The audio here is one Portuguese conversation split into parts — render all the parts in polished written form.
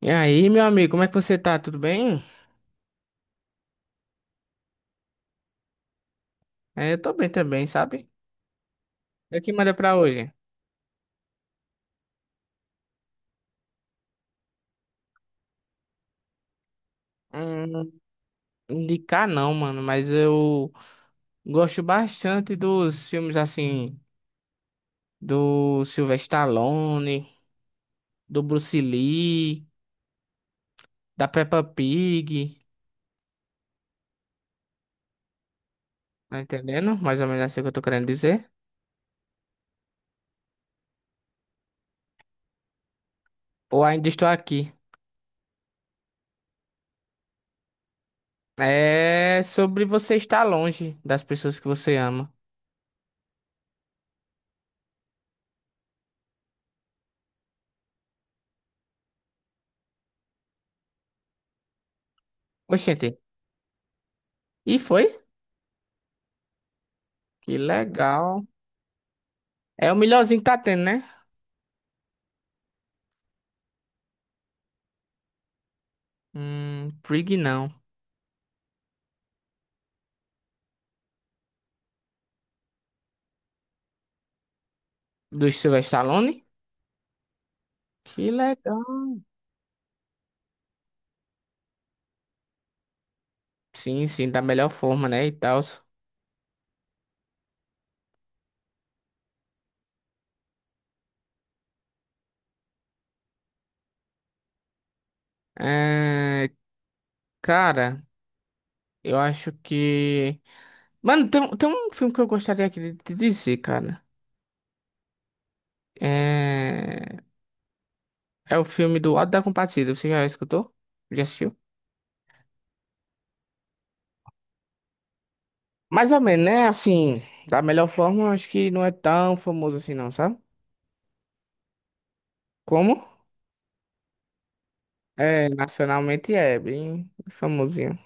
E aí, meu amigo, como é que você tá? Tudo bem? É, eu tô bem também, sabe? E o que manda pra hoje? Hum, indicar não, mano, mas eu gosto bastante dos filmes assim, do Sylvester Stallone, do Bruce Lee, da Peppa Pig, tá entendendo? Mais ou menos assim que eu tô querendo dizer. Ou ainda estou aqui. É sobre você estar longe das pessoas que você ama. Oxente, e foi? Que legal. É o melhorzinho que tá tendo, né? Prig não. Do Sylvester Stallone? Que legal. Sim, sim, da melhor forma, né? E tal. É, cara, eu acho que. Mano, tem um filme que eu gostaria aqui de te dizer, cara. É. É o filme do Auto da Compadecida. Você já escutou? Já assistiu? Mais ou menos, né? Assim, da melhor forma, eu acho que não é tão famoso assim, não, sabe? Como? É, nacionalmente é bem famosinho.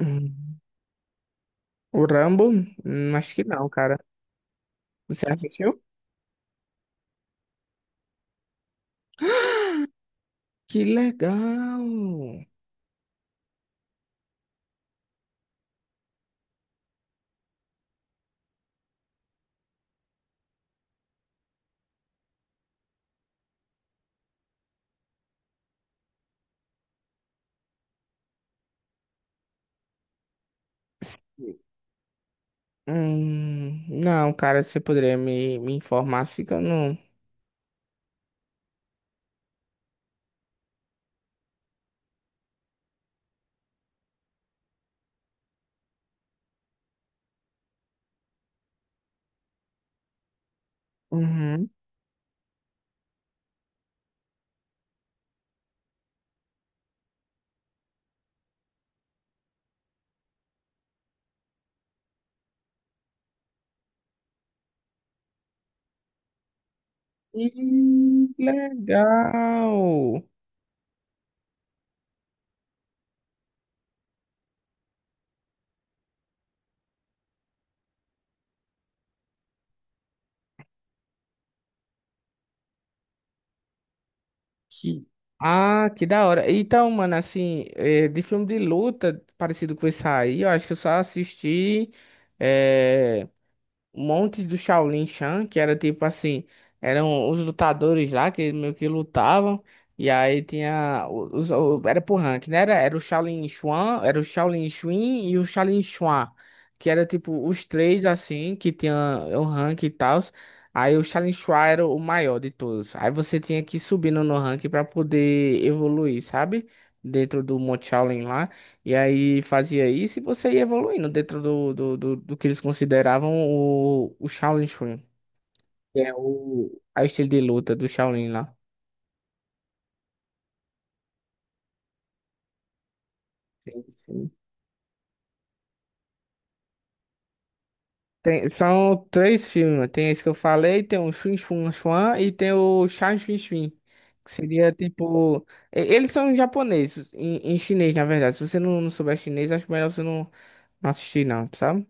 Hum. O Rambo? Acho que não, cara. Você assistiu? Que legal! Não, cara, você poderia me informar assim que eu não. Uhum. Ih, que legal! Que... Ah, que da hora. Então, mano, assim, de filme de luta, parecido com esse aí, eu acho que eu só assisti. É, um monte do Shaolin Shan, que era tipo assim, eram os lutadores lá que meio que lutavam, e aí era por rank, né? Era o Shaolin Chuan, era o Shaolin Chuin e o Shaolin Chuan, que era tipo os três assim, que tinha o rank e tal. Aí o Shaolin Chuan era o maior de todos. Aí você tinha que ir subindo no rank pra poder evoluir, sabe? Dentro do Monte Shaolin lá. E aí fazia isso e você ia evoluindo dentro do que eles consideravam o Shaolin Shrimp, que é o a estilo de luta do Shaolin lá. Sim, sim. Tem, são três filmes, tem esse que eu falei, tem o Shun Shun Shuan e tem o Shan Shun Shun, que seria tipo... Eles são japoneses, em chinês na verdade, se você não souber chinês, acho melhor você não assistir não, sabe?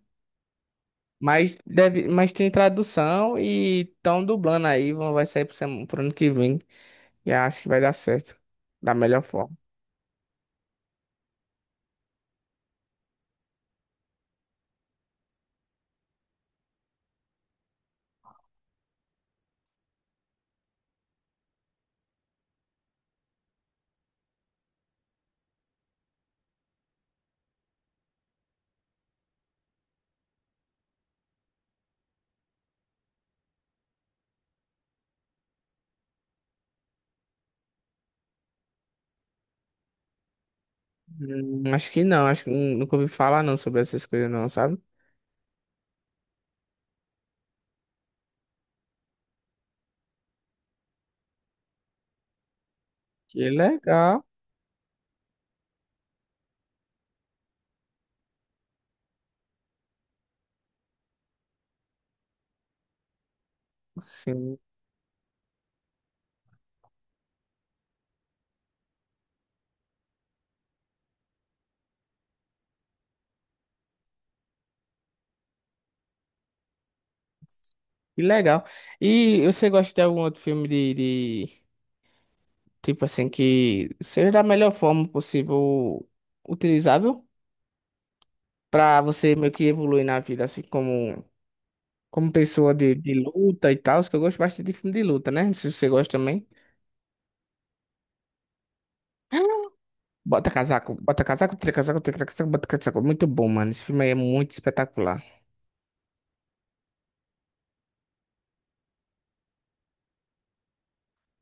Mas, deve, mas tem tradução e estão dublando aí, vai sair pro, pro ano que vem. E acho que vai dar certo. Da melhor forma. Acho que não, acho que nunca ouvi falar não sobre essas coisas não, sabe? Que legal. Sim, que legal. E você gosta de algum outro filme de tipo assim, que seja da melhor forma possível utilizável pra você meio que evoluir na vida, assim, como, como pessoa de luta e tal, que eu gosto bastante de filme de luta, né? Se você gosta também. Bota casaco, tira casaco, tira casaco, bota casaco. Muito bom, mano. Esse filme aí é muito espetacular.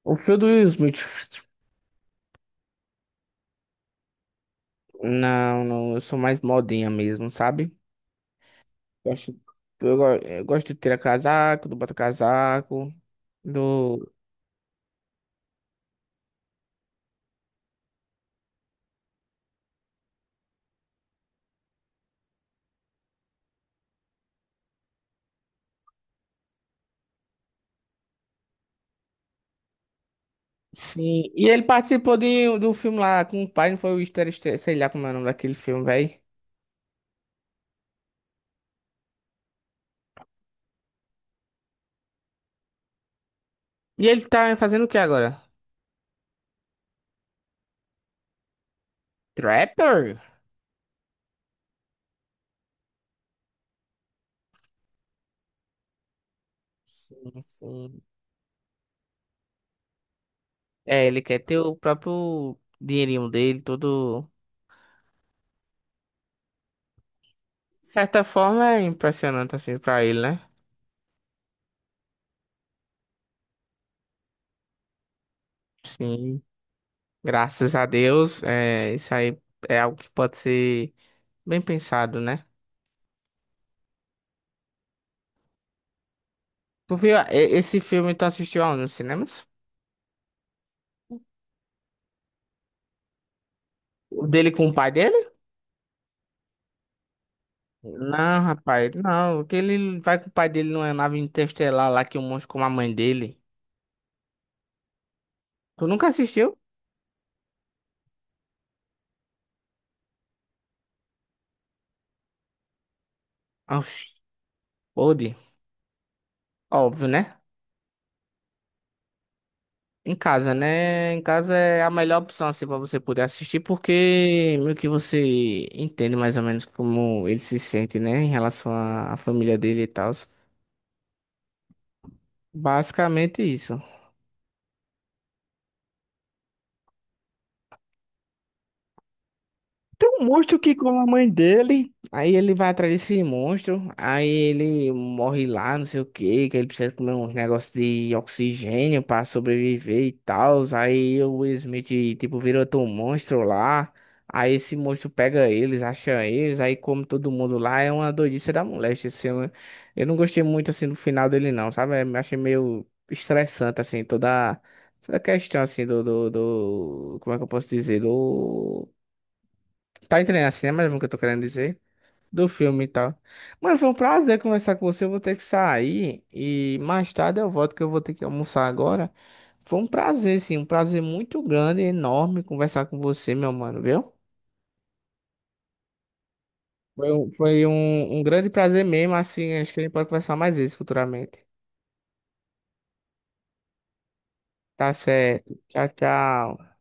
O filme do Will Smith. Não, não, eu sou mais modinha mesmo, sabe? Gosto, eu gosto de tirar casaco, do bota casaco, do. Sim, e ele participou do filme lá com o pai, não foi o Easter, sei lá como é o nome daquele filme, velho. E ele tá fazendo o que agora? Trapper? Sim, sim. É, ele quer ter o próprio dinheirinho dele, todo. De certa forma é impressionante assim pra ele, né? Sim. Graças a Deus, é, isso aí é algo que pode ser bem pensado, né? Tu viu esse filme, tu assistiu aonde, nos cinemas? O dele com o pai dele? Não, rapaz, não. O que ele vai com o pai dele numa nave interestelar lá que o monstro com a mãe dele. Tu nunca assistiu? Oxi, pode. Óbvio, né? Em casa, né? Em casa é a melhor opção, assim, pra você poder assistir, porque meio que você entende mais ou menos como ele se sente, né? Em relação à família dele e tal. Basicamente isso. Tem um monstro que come a mãe dele. Aí ele vai atrás desse monstro. Aí ele morre lá, não sei o que que ele precisa comer uns negócios de oxigênio pra sobreviver e tal. Aí o Will Smith, tipo, vira outro monstro lá. Aí esse monstro pega eles, acha eles. Aí come todo mundo lá. É uma doidice da moléstia esse filme. Eu não gostei muito, assim, do final dele, não, sabe? Eu achei meio estressante, assim, toda... Toda a questão, assim, como é que eu posso dizer? Do... Tá entendendo assim, né? Mais ou menos o que eu tô querendo dizer. Do filme e tal. Mano, foi um prazer conversar com você. Eu vou ter que sair. E mais tarde eu volto, que eu vou ter que almoçar agora. Foi um prazer, sim. Um prazer muito grande, enorme conversar com você, meu mano, viu? Um grande prazer mesmo. Assim, acho que a gente pode conversar mais vezes futuramente. Tá certo. Tchau, tchau.